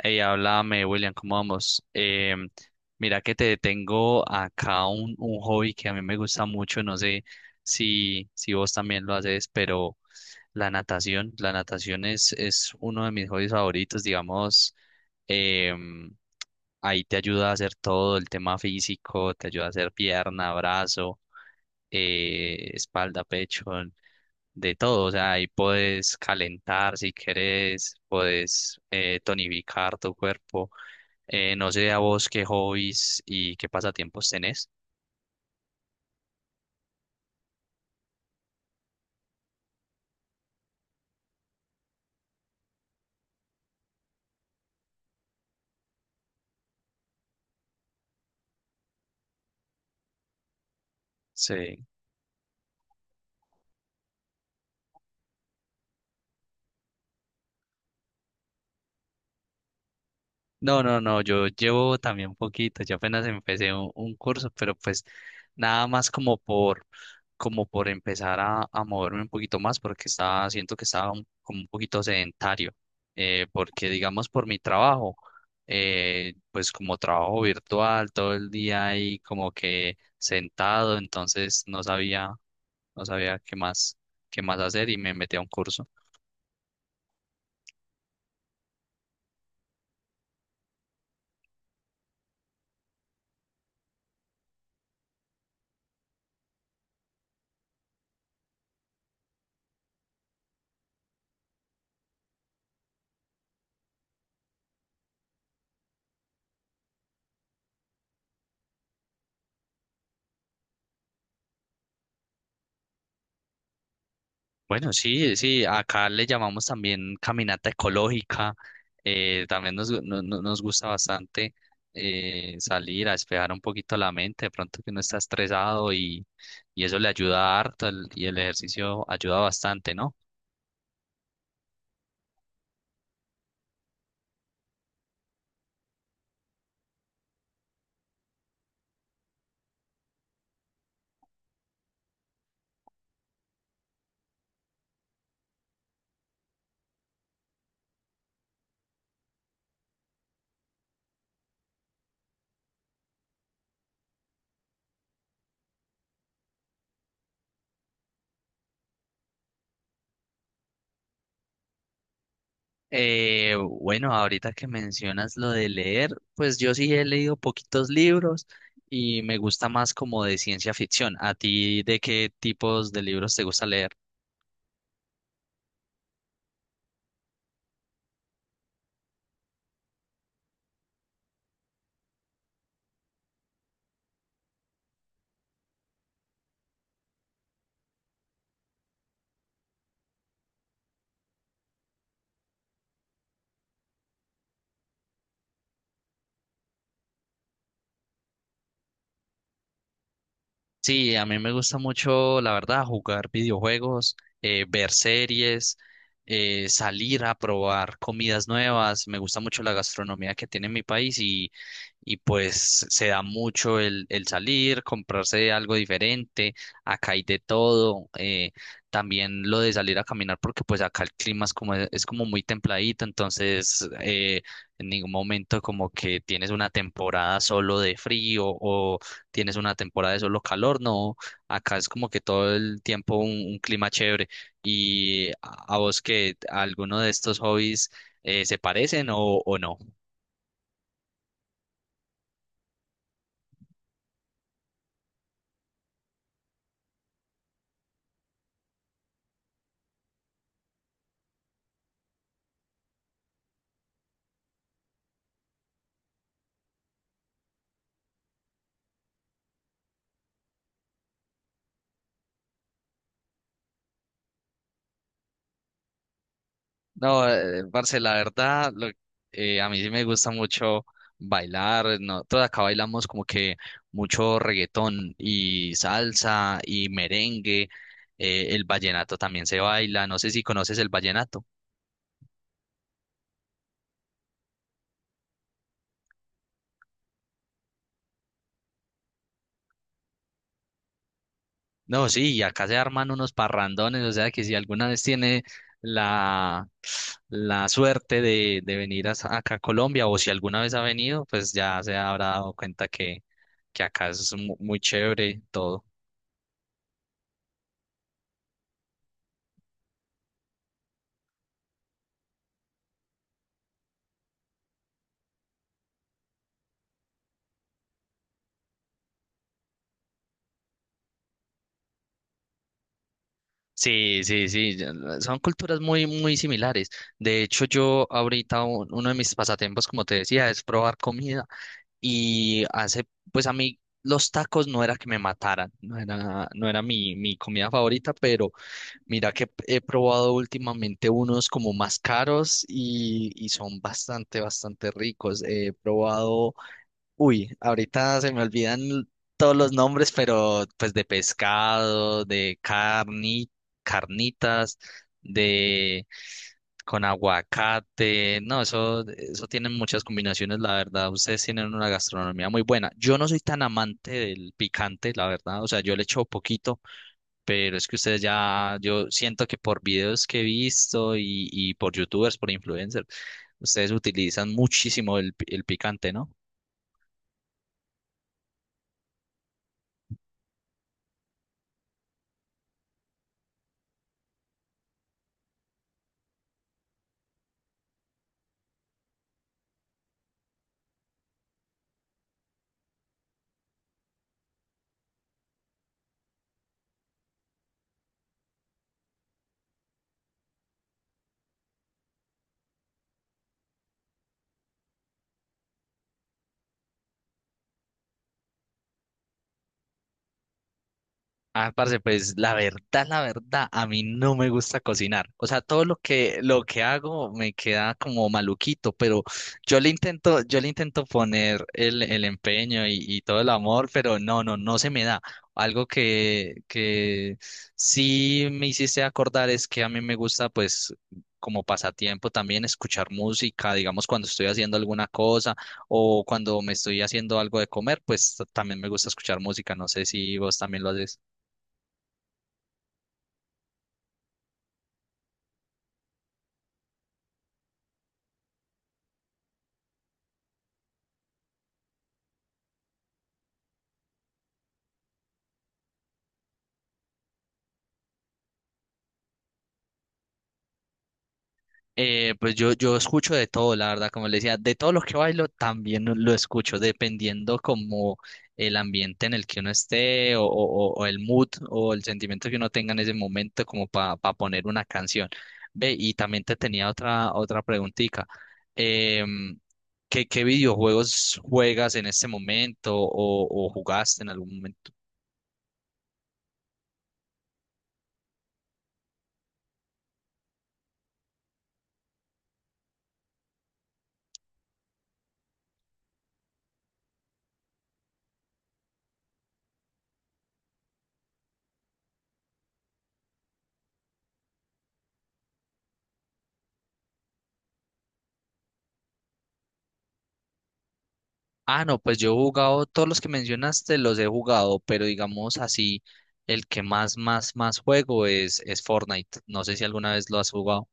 Hey, háblame, William, ¿cómo vamos? Mira que te tengo acá un hobby que a mí me gusta mucho, no sé si vos también lo haces, pero la natación es uno de mis hobbies favoritos, digamos, em, ahí te ayuda a hacer todo el tema físico, te ayuda a hacer pierna, brazo, espalda, pecho, de todo, o sea, ahí puedes calentar si querés, puedes tonificar tu cuerpo. No sé a vos qué hobbies y qué pasatiempos tenés. Sí. No, no, no, yo llevo también poquito, yo apenas empecé un curso, pero pues nada más como por empezar a moverme un poquito más, porque estaba, siento que estaba como un poquito sedentario, porque digamos por mi trabajo, pues como trabajo virtual todo el día ahí como que sentado, entonces no sabía, no sabía qué más hacer y me metí a un curso. Bueno, sí, sí, acá le llamamos también caminata ecológica, también nos, gu- no- no- nos gusta bastante salir a despejar un poquito la mente, de pronto que uno está estresado y eso le ayuda harto y el ejercicio ayuda bastante, ¿no? Bueno, ahorita que mencionas lo de leer, pues yo sí he leído poquitos libros y me gusta más como de ciencia ficción. ¿A ti de qué tipos de libros te gusta leer? Sí, a mí me gusta mucho, la verdad, jugar videojuegos, ver series, salir a probar comidas nuevas. Me gusta mucho la gastronomía que tiene mi país y pues se da mucho el salir, comprarse algo diferente, acá hay de todo, también lo de salir a caminar porque pues acá el clima es como muy templadito, entonces en ningún momento como que tienes una temporada solo de frío o tienes una temporada de solo calor, no, acá es como que todo el tiempo un clima chévere y a vos que alguno de estos hobbies se parecen o no. No, parce, la verdad, a mí sí me gusta mucho bailar. Nosotros acá bailamos como que mucho reggaetón y salsa y merengue. El vallenato también se baila. No sé si conoces el vallenato. No, sí, y acá se arman unos parrandones. O sea que si alguna vez tiene la, la suerte de acá a Colombia o si alguna vez ha venido, pues ya se habrá dado cuenta que acá es muy chévere todo. Sí, sí, sí, ya son culturas muy, muy similares. De hecho, yo ahorita uno de mis pasatiempos, como te decía, es probar comida y hace, pues a mí los tacos no era que me mataran, no era, no era mi comida favorita, pero mira que he probado últimamente unos como más caros y son bastante, bastante ricos. He probado, uy, ahorita se me olvidan todos los nombres, pero pues de pescado, carnitas, de con aguacate. No, eso tienen muchas combinaciones, la verdad. Ustedes tienen una gastronomía muy buena. Yo no soy tan amante del picante, la verdad. O sea, yo le echo poquito, pero es que ustedes ya, yo siento que por videos que he visto y por youtubers, por influencers, ustedes utilizan muchísimo el picante, ¿no? Ah, parce, pues la verdad, a mí no me gusta cocinar. O sea, todo lo que hago me queda como maluquito, pero yo le intento poner el empeño y todo el amor, pero no, no, no se me da. Algo que sí me hiciste acordar es que a mí me gusta, pues, como pasatiempo también escuchar música, digamos, cuando estoy haciendo alguna cosa o cuando me estoy haciendo algo de comer, pues también me gusta escuchar música. No sé si vos también lo haces. Pues yo escucho de todo, la verdad, como le decía, de todo lo que bailo también lo escucho, dependiendo como el ambiente en el que uno esté o, o el mood o el sentimiento que uno tenga en ese momento como para poner una canción. Ve, y también te tenía otra, otra preguntita. em, ¿Qué, qué videojuegos juegas en este momento o jugaste en algún momento? Ah, no, pues yo he jugado, todos los que mencionaste los he jugado, pero digamos así, el que más, más, más juego es Fortnite. No sé si alguna vez lo has jugado.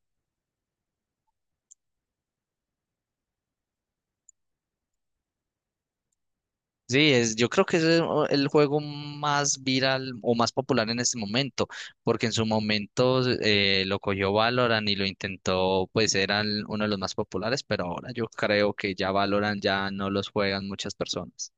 Sí, es, yo creo que es el juego más viral o más popular en este momento, porque en su momento lo cogió Valorant y lo intentó, pues eran uno de los más populares, pero ahora yo creo que ya Valorant ya no los juegan muchas personas.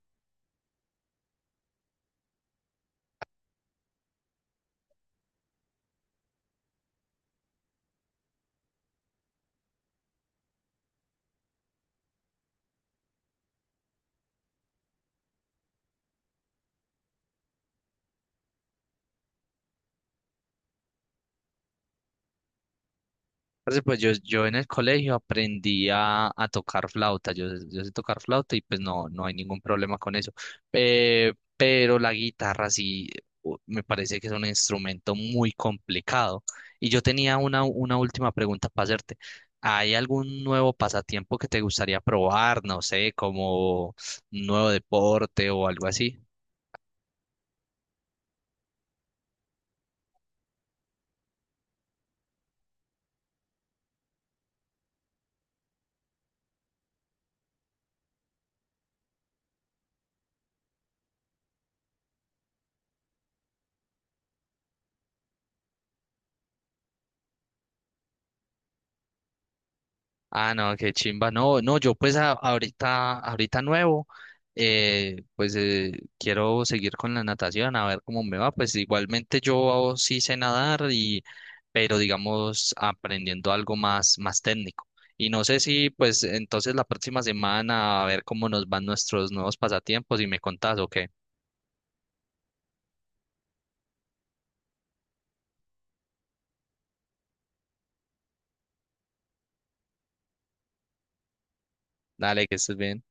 Parce, pues yo en el colegio aprendí a tocar flauta, yo sé tocar flauta y pues no, no hay ningún problema con eso. Pero la guitarra sí, me parece que es un instrumento muy complicado. Y yo tenía una última pregunta para hacerte. ¿Hay algún nuevo pasatiempo que te gustaría probar? No sé, como un nuevo deporte o algo así. Ah, no, qué chimba. No, no, yo pues ahorita, ahorita nuevo, eh, pues eh, quiero seguir con la natación, a ver cómo me va. Pues igualmente yo sí sé nadar y, pero digamos, aprendiendo algo más, más técnico. Y no sé si pues entonces la próxima semana a ver cómo nos van nuestros nuevos pasatiempos y me contás o qué. Dale, que estés bien.